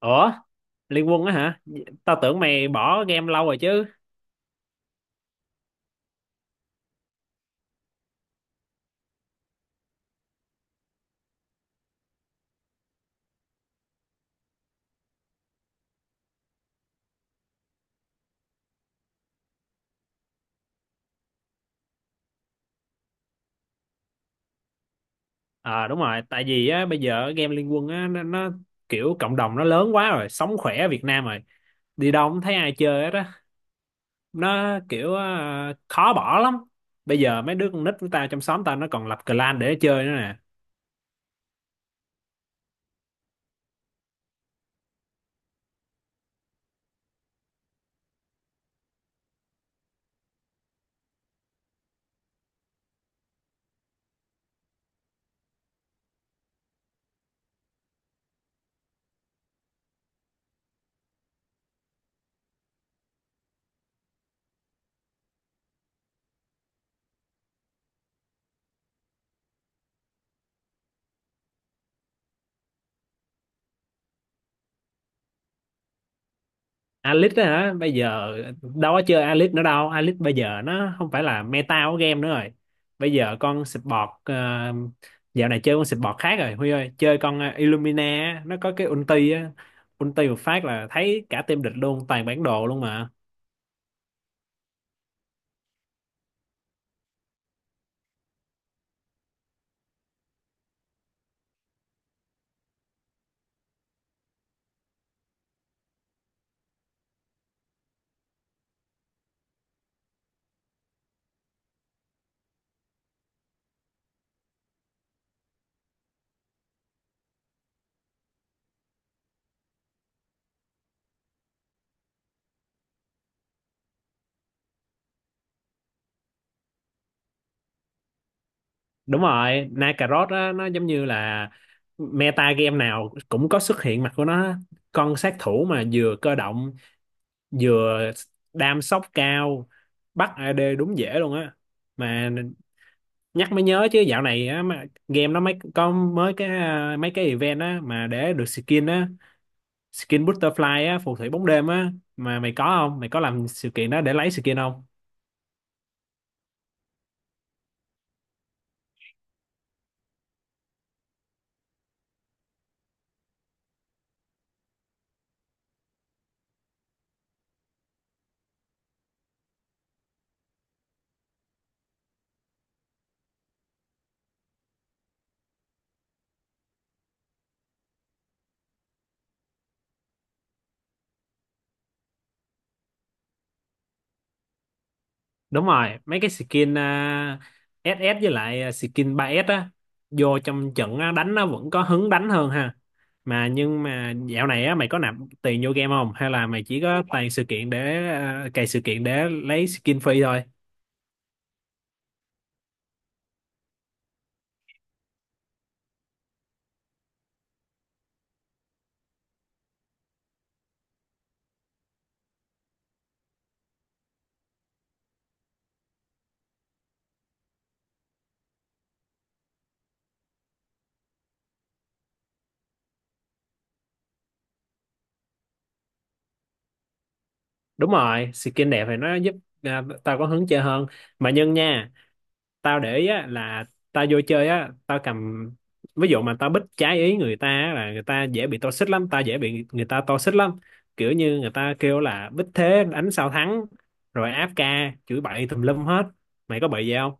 Ủa, Liên Quân á hả? Tao tưởng mày bỏ game lâu rồi chứ. À đúng rồi, tại vì á bây giờ game Liên Quân á nó kiểu cộng đồng nó lớn quá rồi, sống khỏe ở Việt Nam rồi. Đi đâu cũng thấy ai chơi hết á. Nó kiểu khó bỏ lắm. Bây giờ mấy đứa con nít của tao trong xóm tao nó còn lập clan để chơi nữa nè. Alice á hả? Bây giờ đâu có chơi Alice nữa đâu, Alice bây giờ nó không phải là meta của game nữa rồi. Bây giờ con support dạo này chơi con support khác rồi Huy ơi, chơi con Illumina á, nó có cái ulti á, ulti một phát là thấy cả team địch luôn, toàn bản đồ luôn mà. Đúng rồi, Nakarot á nó giống như là meta game nào cũng có xuất hiện mặt của nó, con sát thủ mà vừa cơ động vừa đam sốc cao, bắt AD đúng dễ luôn á. Mà nhắc mới nhớ chứ, dạo này á mà game nó mới có mới cái mấy cái event á mà để được skin á, skin butterfly á, phù thủy bóng đêm á, mà mày có không? Mày có làm sự kiện đó để lấy skin không? Đúng rồi, mấy cái skin SS với lại skin 3S á, vô trong trận á, đánh nó vẫn có hứng đánh hơn ha. Mà nhưng mà dạo này á mày có nạp tiền vô game không, hay là mày chỉ có toàn sự kiện để cày sự kiện để lấy skin free thôi? Đúng rồi, skin đẹp thì nó giúp tao có hứng chơi hơn. Mà nhân nha, tao để ý á, là tao vô chơi á tao cầm, ví dụ mà tao bích trái ý người ta á, là người ta dễ bị toxic lắm, tao dễ bị người ta toxic lắm, kiểu như người ta kêu là bích thế đánh sao thắng, rồi áp ca chửi bậy tùm lum hết. Mày có bị gì không?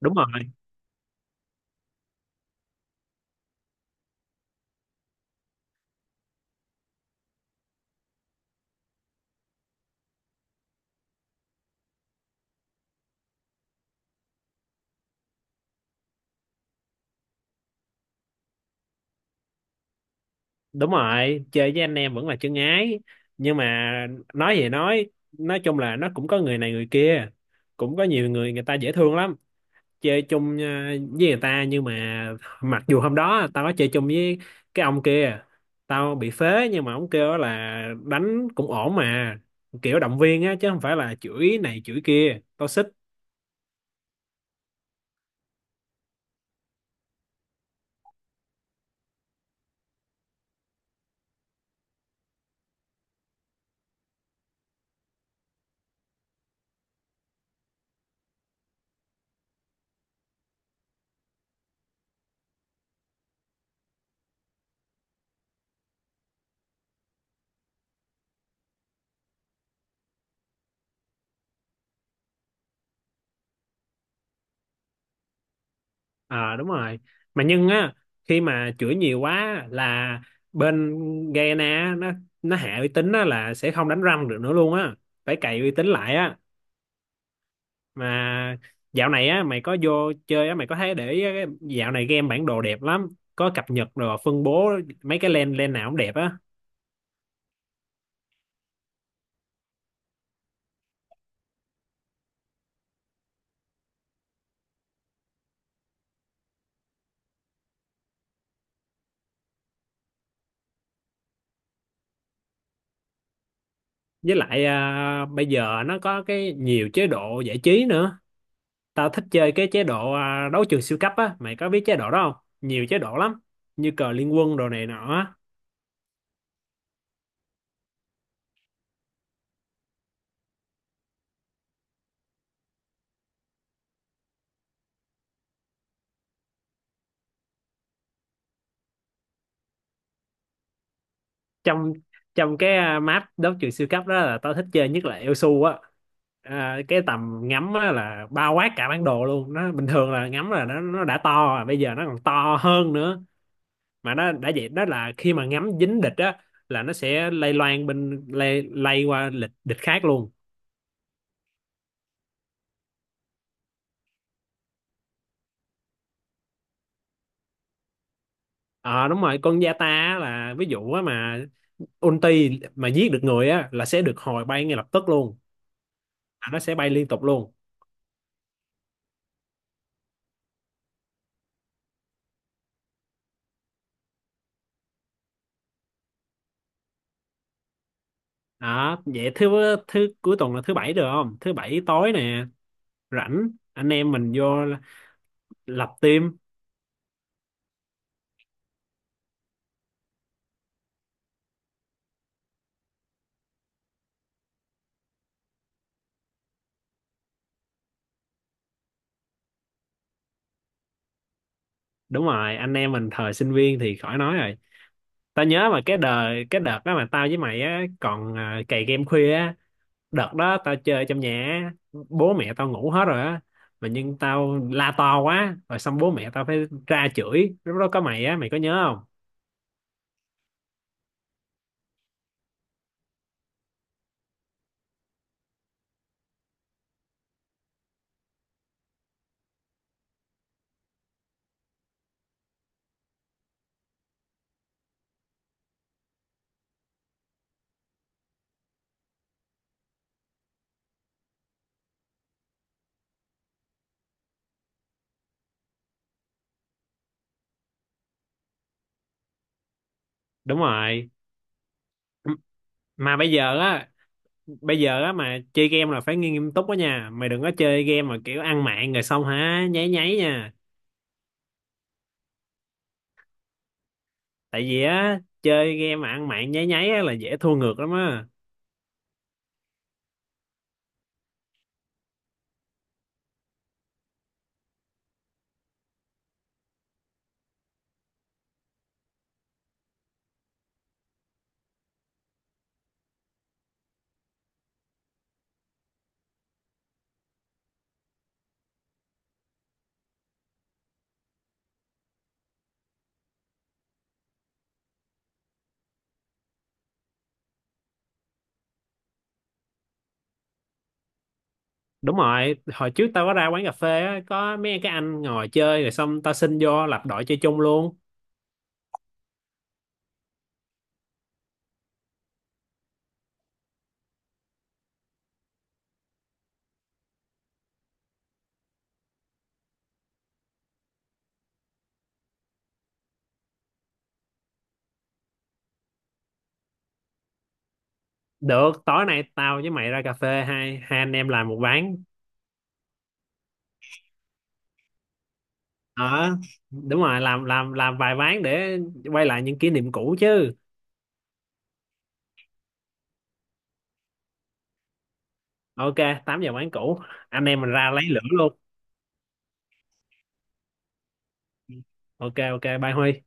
Đúng rồi. Đúng rồi, chơi với anh em vẫn là chân ái. Nhưng mà nói gì nói chung là nó cũng có người này người kia, cũng có nhiều người người ta dễ thương lắm, chơi chung với người ta. Nhưng mà mặc dù hôm đó tao có chơi chung với cái ông kia, tao bị phế nhưng mà ông kêu là đánh cũng ổn mà, kiểu động viên á chứ không phải là chửi này chửi kia, tao xích. Ờ đúng rồi, mà nhưng á khi mà chửi nhiều quá là bên Gana nó hạ uy tín á là sẽ không đánh răng được nữa luôn á, phải cày uy tín lại á. Mà dạo này á mày có vô chơi á, mày có thấy để ý á, cái dạo này game bản đồ đẹp lắm, có cập nhật rồi phân bố mấy cái lane, lane nào cũng đẹp á. Với lại bây giờ nó có cái nhiều chế độ giải trí nữa. Tao thích chơi cái chế độ đấu trường siêu cấp á, mày có biết chế độ đó không? Nhiều chế độ lắm, như cờ liên quân đồ này nọ á. Trong trong cái map đấu trường siêu cấp đó là tao thích chơi nhất là Elsu á, cái tầm ngắm á là bao quát cả bản đồ luôn, nó bình thường là ngắm là nó đã to rồi, bây giờ nó còn to hơn nữa. Mà nó đã vậy đó là khi mà ngắm dính địch á là nó sẽ lây loan bên lây qua lịch địch khác luôn. Ờ đúng rồi, con Yata á là ví dụ á mà ulti mà giết được người á là sẽ được hồi bay ngay lập tức luôn. À, nó sẽ bay liên tục luôn. Đó vậy thứ thứ cuối tuần là thứ bảy được không? Thứ bảy tối nè, rảnh anh em mình vô lập team. Đúng rồi, anh em mình thời sinh viên thì khỏi nói rồi. Tao nhớ mà cái đời cái đợt đó mà tao với mày á còn cày game khuya á. Đợt đó tao chơi trong nhà á, bố mẹ tao ngủ hết rồi á, mà nhưng tao la to quá rồi xong bố mẹ tao phải ra chửi, lúc đó có mày á, mày có nhớ không? Đúng rồi. M- mà bây giờ á, bây giờ á mà chơi game là phải nghiêm nghiêm túc đó nha mày, đừng có chơi game mà kiểu ăn mạng rồi xong hả nháy nháy nha. Tại vì á chơi game mà ăn mạng nháy nháy á là dễ thua ngược lắm á. Đúng rồi, hồi trước tao có ra quán cà phê á, có mấy cái anh ngồi chơi rồi xong tao xin vô lập đội chơi chung luôn. Được, tối nay tao với mày ra cà phê, hai hai anh em làm 1 ván. Ờ đúng rồi, làm vài ván để quay lại những kỷ niệm cũ chứ. Ok, 8 giờ quán cũ, anh em mình ra lấy lửa luôn. Ok, ok, bye Huy.